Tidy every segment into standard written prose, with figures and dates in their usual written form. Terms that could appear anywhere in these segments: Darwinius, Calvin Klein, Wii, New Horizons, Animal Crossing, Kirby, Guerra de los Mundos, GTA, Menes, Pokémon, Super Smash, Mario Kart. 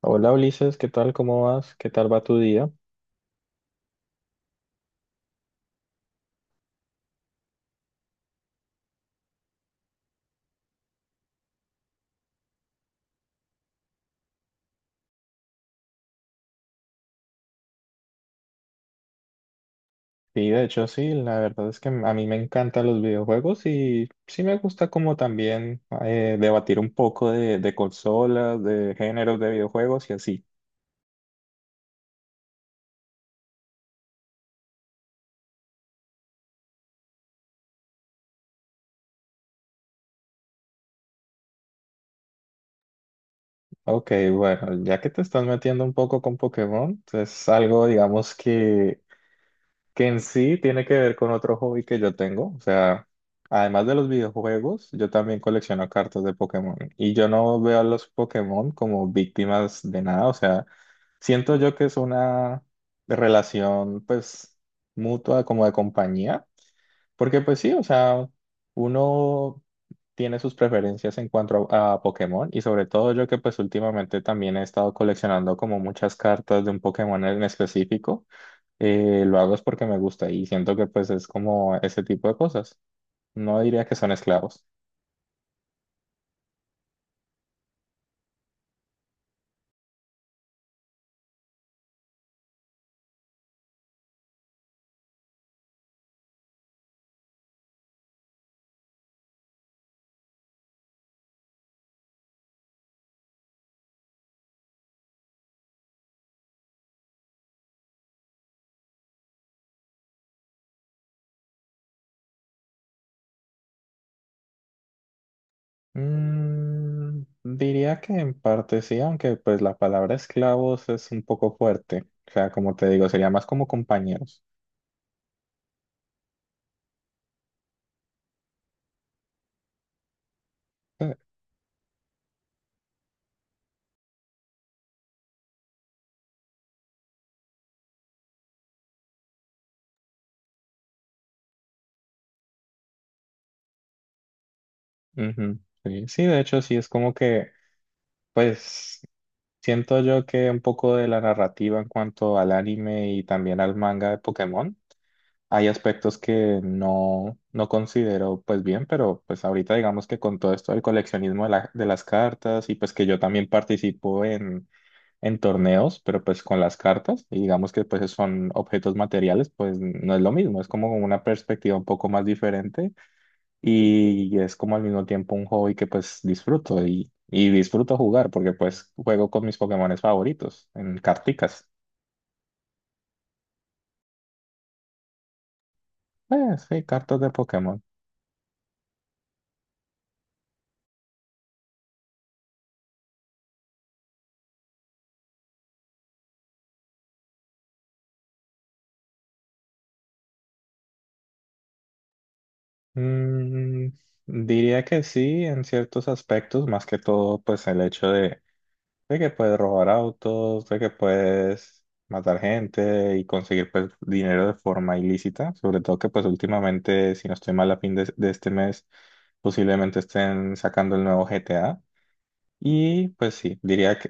Hola Ulises, ¿qué tal? ¿Cómo vas? ¿Qué tal va tu día? Sí, de hecho sí, la verdad es que a mí me encantan los videojuegos y sí me gusta como también debatir un poco de consolas, de géneros de videojuegos y así. Ok, bueno, ya que te estás metiendo un poco con Pokémon, es algo digamos que en sí tiene que ver con otro hobby que yo tengo, o sea. Además de los videojuegos, yo también colecciono cartas de Pokémon y yo no veo a los Pokémon como víctimas de nada. O sea, siento yo que es una relación pues mutua como de compañía, porque pues sí, o sea, uno tiene sus preferencias en cuanto a Pokémon y sobre todo yo que pues últimamente también he estado coleccionando como muchas cartas de un Pokémon en específico. Lo hago es porque me gusta y siento que pues es como ese tipo de cosas. No diría que son esclavos. Diría que en parte sí, aunque pues la palabra esclavos es un poco fuerte. O sea, como te digo, sería más como compañeros. Eh, Ujú, sí, sí, de hecho sí, es como que pues siento yo que un poco de la narrativa en cuanto al anime y también al manga de Pokémon, hay aspectos que no, no considero pues bien, pero pues ahorita digamos que con todo esto del coleccionismo de, de las cartas y pues que yo también participo en torneos, pero pues con las cartas y digamos que pues son objetos materiales, pues no es lo mismo, es como una perspectiva un poco más diferente y es como al mismo tiempo un hobby que pues disfruto y disfruto jugar porque pues juego con mis Pokémones favoritos en carticas. Sí, cartas de Pokémon. Mm, Diría que sí, en ciertos aspectos, más que todo, pues el hecho de, que puedes robar autos, de que puedes matar gente y conseguir pues dinero de forma ilícita, sobre todo que pues últimamente, si no estoy mal, a fin de, este mes, posiblemente estén sacando el nuevo GTA. Y pues sí, diría que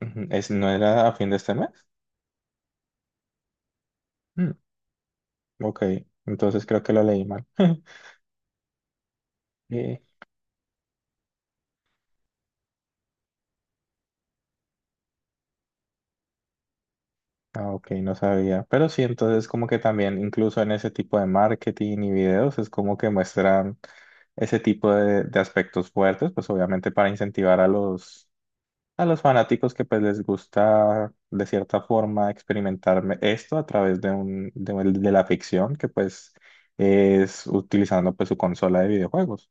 ujú, es, no era a fin de este mes. Mm, ok, entonces creo que lo leí mal. Eh, Ah, ok, no sabía. Pero sí, entonces como que también, incluso en ese tipo de marketing y videos, es como que muestran ese tipo de, aspectos fuertes, pues obviamente para incentivar a los fanáticos que pues les gusta de cierta forma experimentar esto a través de la ficción, que pues es utilizando pues su consola de videojuegos.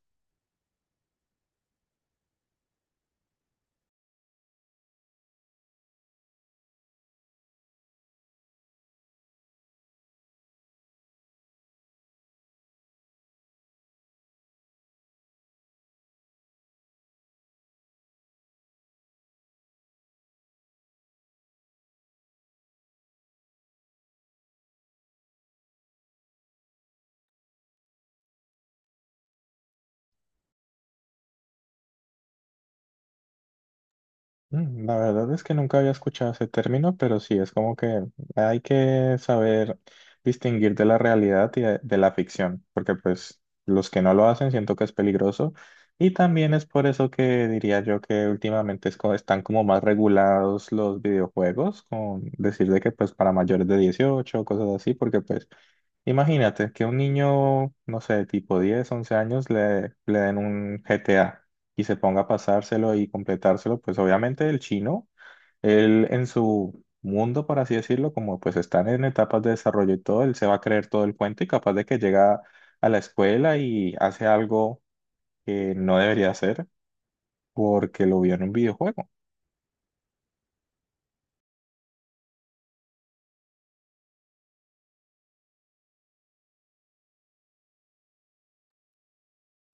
La verdad es que nunca había escuchado ese término, pero sí, es como que hay que saber distinguir de la realidad y de, la ficción, porque pues los que no lo hacen siento que es peligroso y también es por eso que diría yo que últimamente están como más regulados los videojuegos, con decir de que pues para mayores de 18 cosas así, porque pues imagínate que un niño, no sé, tipo 10, 11 años le den un GTA y se ponga a pasárselo y completárselo, pues obviamente el chino, él en su mundo, por así decirlo, como pues están en etapas de desarrollo y todo, él se va a creer todo el cuento y capaz de que llega a la escuela y hace algo que no debería hacer porque lo vio en un videojuego.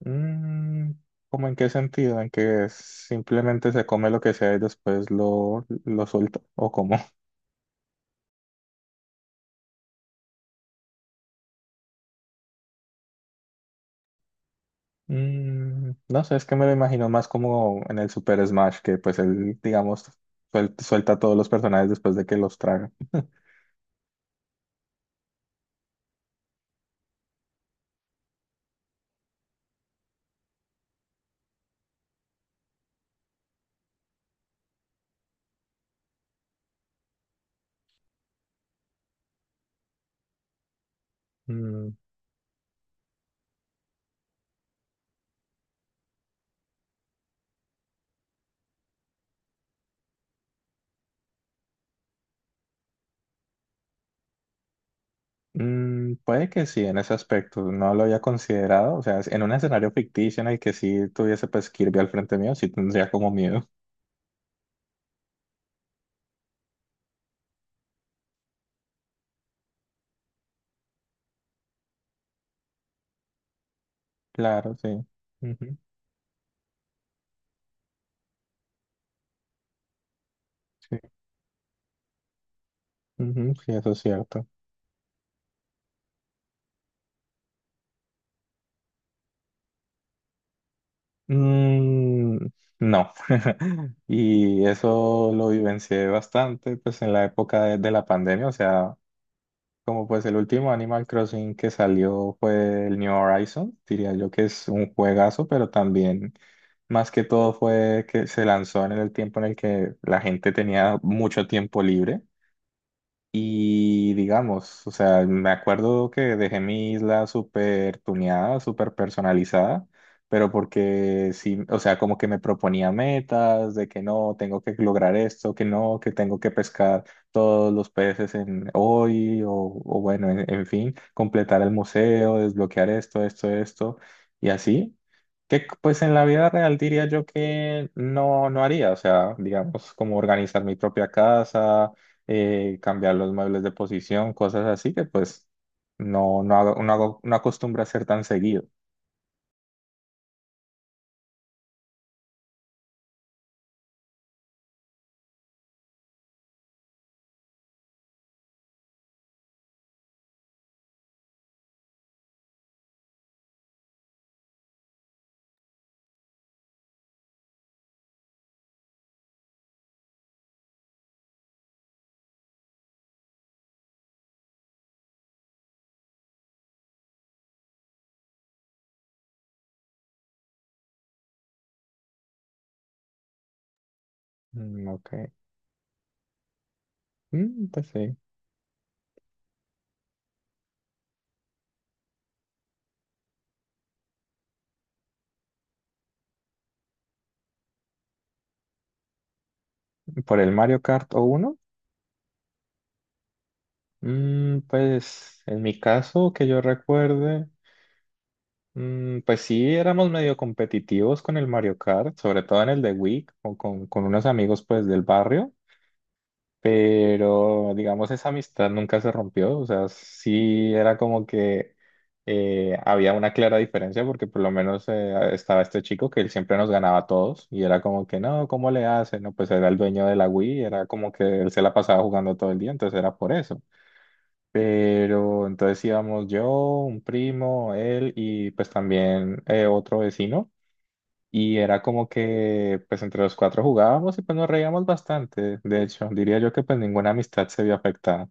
Mm, ¿Cómo en qué sentido? ¿En que simplemente se come lo que sea y después lo suelta? ¿O cómo? No sé, es que me lo imagino más como en el Super Smash, que pues él, digamos, suelta a todos los personajes después de que los traga. Mm, Puede que sí, en ese aspecto, no lo había considerado, o sea, en un escenario ficticio en el que sí tuviese pues Kirby al frente mío, sí tendría como miedo. Claro, sí. Ujú, sí, ujú, sí, eso es cierto. Mm, no. Y eso lo vivencié bastante pues en la época de la pandemia, o sea. Como pues el último Animal Crossing que salió fue el New Horizons, diría yo que es un juegazo, pero también más que todo fue que se lanzó en el tiempo en el que la gente tenía mucho tiempo libre. Y digamos, o sea, me acuerdo que dejé mi isla súper tuneada, súper personalizada, pero porque sí, o sea, como que me proponía metas de que no, tengo que lograr esto, que no, que tengo que pescar todos los peces en hoy, o bueno, en fin, completar el museo, desbloquear esto, esto, esto, y así. Que pues en la vida real diría yo que no, no haría, o sea, digamos, como organizar mi propia casa, cambiar los muebles de posición, cosas así que pues no, no hago, no hago, no acostumbro a hacer tan seguido. Mm, ok. Mm, pues sí. Por el Mario Kart o uno, pues en mi caso que yo recuerde, pues sí éramos medio competitivos con el Mario Kart, sobre todo en el de Wii, o con unos amigos pues del barrio. Pero, digamos, esa amistad nunca se rompió, o sea, sí era como que había una clara diferencia porque por lo menos estaba este chico que él siempre nos ganaba a todos y era como que, no, ¿cómo le hace? No, pues era el dueño de la Wii, era como que él se la pasaba jugando todo el día, entonces era por eso. Pero entonces íbamos yo, un primo, él y pues también otro vecino. Y era como que, pues entre los cuatro jugábamos y pues nos reíamos bastante. De hecho, diría yo que pues ninguna amistad se vio afectada.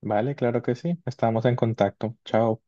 Vale, claro que sí. Estábamos en contacto. Chao.